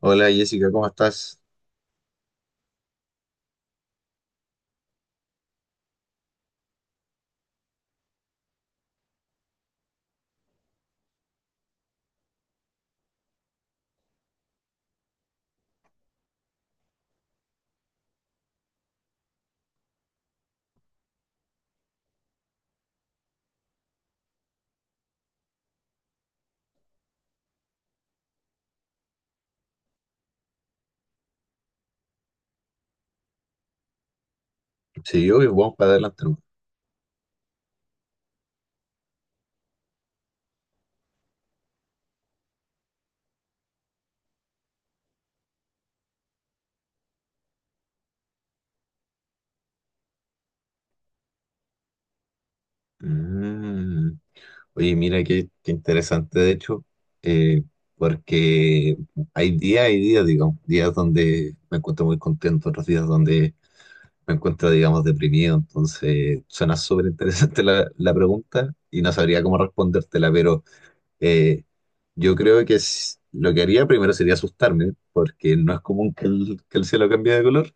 Hola Jessica, ¿cómo estás? Sí, obvio, vamos para adelante. ¿No? Mm. Oye, mira qué, qué interesante, de hecho, eh, porque hay días, digamos, días donde me encuentro muy contento, otros días donde me encuentro, digamos, deprimido. Entonces, suena súper interesante la pregunta y no sabría cómo respondértela, pero eh, yo creo que lo que haría primero sería asustarme, porque no es común que el cielo cambie de color.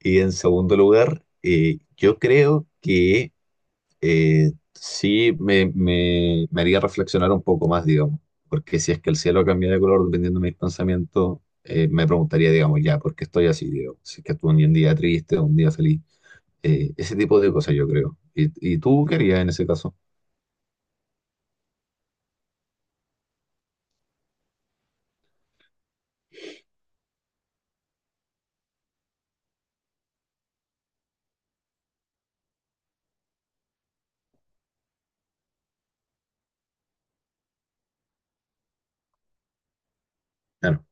Y en segundo lugar, yo creo que sí me haría reflexionar un poco más, digamos, porque si es que el cielo cambia de color dependiendo de mis pensamientos, me preguntaría, digamos, ya, ¿por qué estoy así, digamos? Si es que tuve un día triste, un día feliz, ese tipo de cosas yo creo. Y tú qué harías en ese caso? Claro,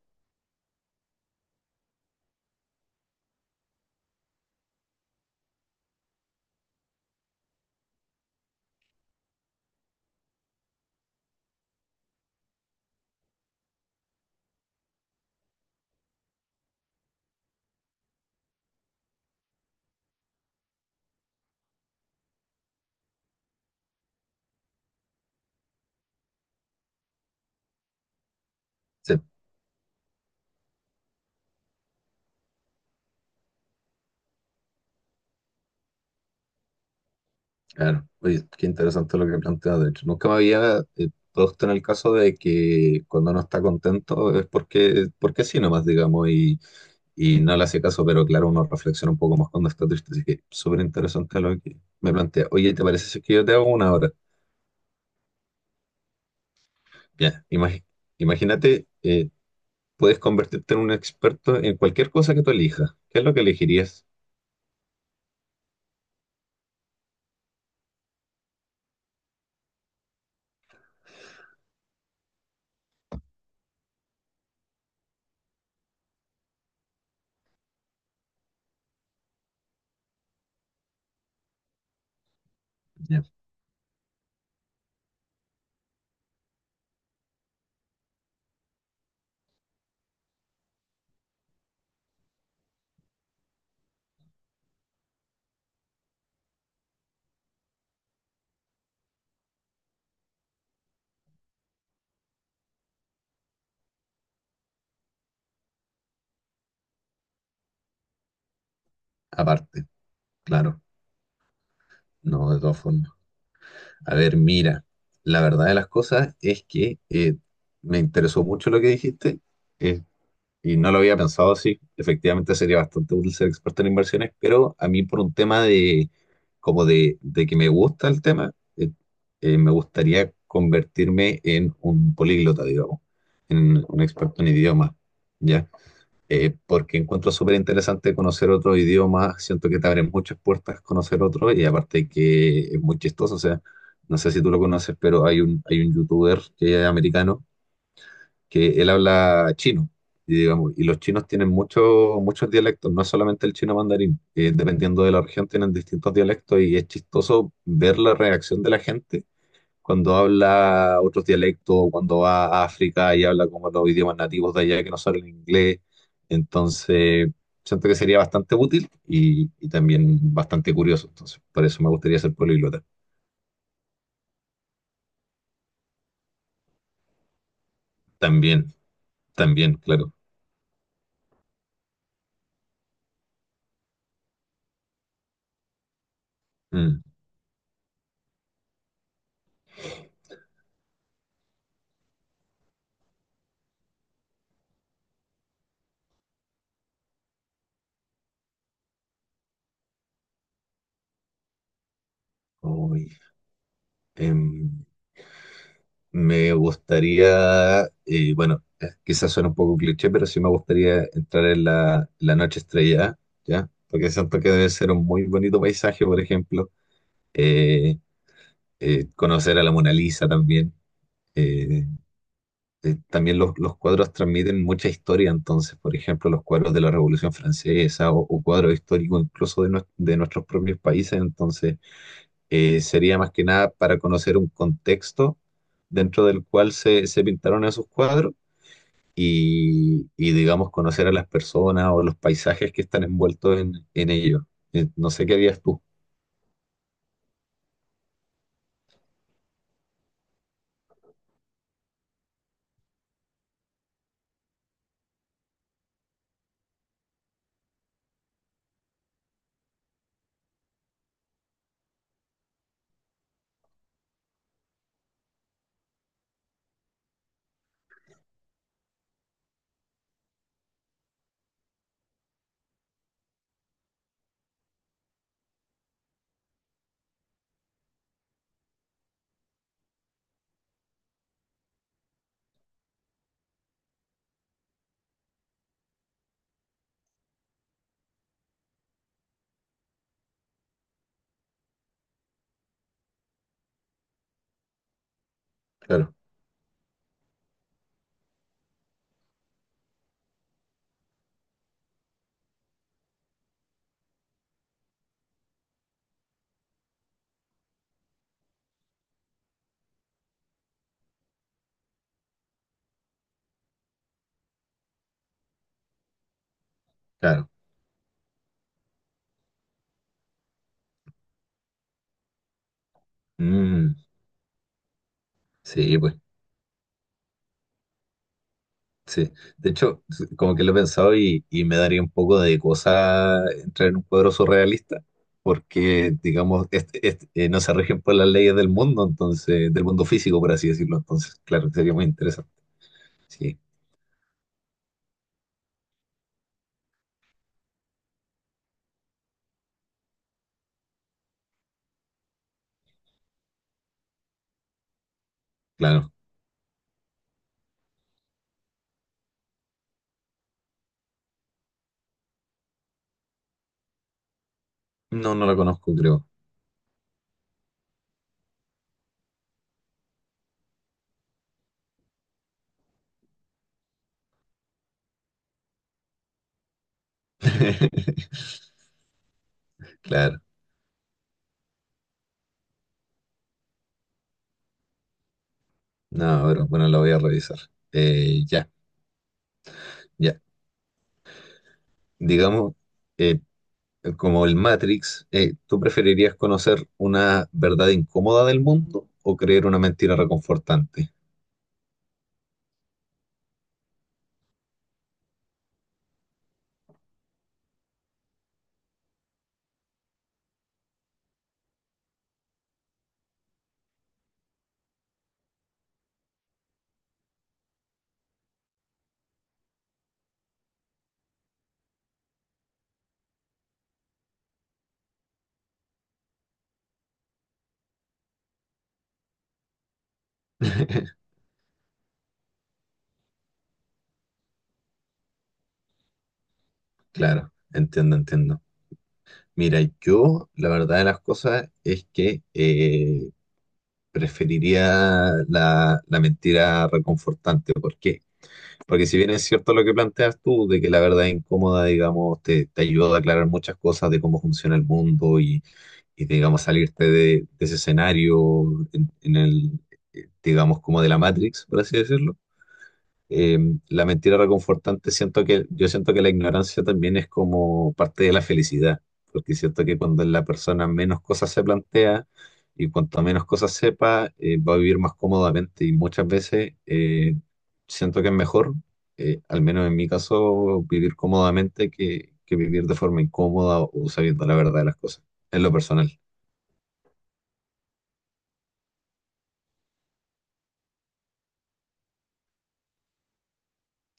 sí, claro. Oye, qué interesante lo que planteas, de hecho. Nunca me había puesto en el caso de que cuando uno está contento es porque, porque sí nomás, digamos, y no le hace caso, pero claro, uno reflexiona un poco más cuando está triste, así que súper interesante lo que me plantea. Oye, ¿te parece si es que yo te hago una hora? Ya, imagínate, puedes convertirte en un experto en cualquier cosa que tú elijas. ¿Qué es lo que elegirías? Ya, aparte, claro, no, de todas formas. A ver, mira, la verdad de las cosas es que me interesó mucho lo que dijiste. Eh, Y no lo había pensado así. Efectivamente sería bastante útil ser experto en inversiones, pero a mí por un tema de como de que me gusta el tema, me gustaría convertirme en un políglota, digamos, en un experto en idiomas, ¿ya? Porque encuentro súper interesante conocer otro idioma, siento que te abren muchas puertas conocer otro y aparte que es muy chistoso, o sea, no sé si tú lo conoces, pero hay hay un youtuber que es americano que él habla chino, y, digamos, y los chinos tienen muchos muchos dialectos, no es solamente el chino mandarín, dependiendo de la región tienen distintos dialectos y es chistoso ver la reacción de la gente cuando habla otros dialectos, o cuando va a África y habla como los idiomas nativos de allá que no son el inglés. Entonces, siento que sería bastante útil y también bastante curioso. Entonces, por eso me gustaría ser políglota. También, también, claro. Mm. Uy, em, me gustaría, quizás suena un poco cliché, pero sí me gustaría entrar en la noche estrellada, ¿ya? Porque siento que debe ser un muy bonito paisaje, por ejemplo. Eh, conocer a la Mona Lisa también. Eh, también los cuadros transmiten mucha historia, entonces, por ejemplo, los cuadros de la Revolución Francesa o cuadros históricos incluso de, de nuestros propios países, entonces sería más que nada para conocer un contexto dentro del cual se pintaron esos cuadros digamos, conocer a las personas o los paisajes que están envueltos en ello. No sé qué harías tú. Claro, claro. Mm, sí, pues, sí. De hecho, como que lo he pensado y me daría un poco de cosa entrar en un cuadro surrealista, porque, digamos, este, no se rigen por las leyes del mundo, entonces, del mundo físico, por así decirlo. Entonces, claro, sería muy interesante. Sí, claro. No, no la conozco, creo. Claro. No, pero bueno, la voy a revisar. Ya. Ya, digamos, eh, como el Matrix, ¿tú preferirías conocer una verdad incómoda del mundo o creer una mentira reconfortante? Claro, entiendo, entiendo. Mira, yo la verdad de las cosas es que preferiría la mentira reconfortante. ¿Por qué? Porque si bien es cierto lo que planteas tú, de que la verdad incómoda, digamos, te ayuda a aclarar muchas cosas de cómo funciona el mundo y digamos salirte de ese escenario en el, digamos como de la Matrix, por así decirlo. Eh, la mentira reconfortante, siento que yo siento que la ignorancia también es como parte de la felicidad, porque siento que cuando la persona menos cosas se plantea y cuanto menos cosas sepa, va a vivir más cómodamente y muchas veces siento que es mejor, al menos en mi caso, vivir cómodamente que vivir de forma incómoda o sabiendo la verdad de las cosas, en lo personal.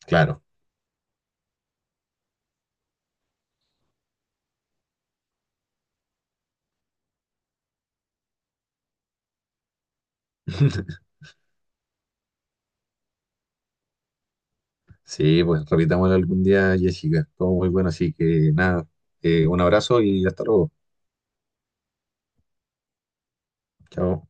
Claro. Sí, pues repitámoslo algún día, Jessica. Todo muy bueno, así que nada, un abrazo y hasta luego. Chao.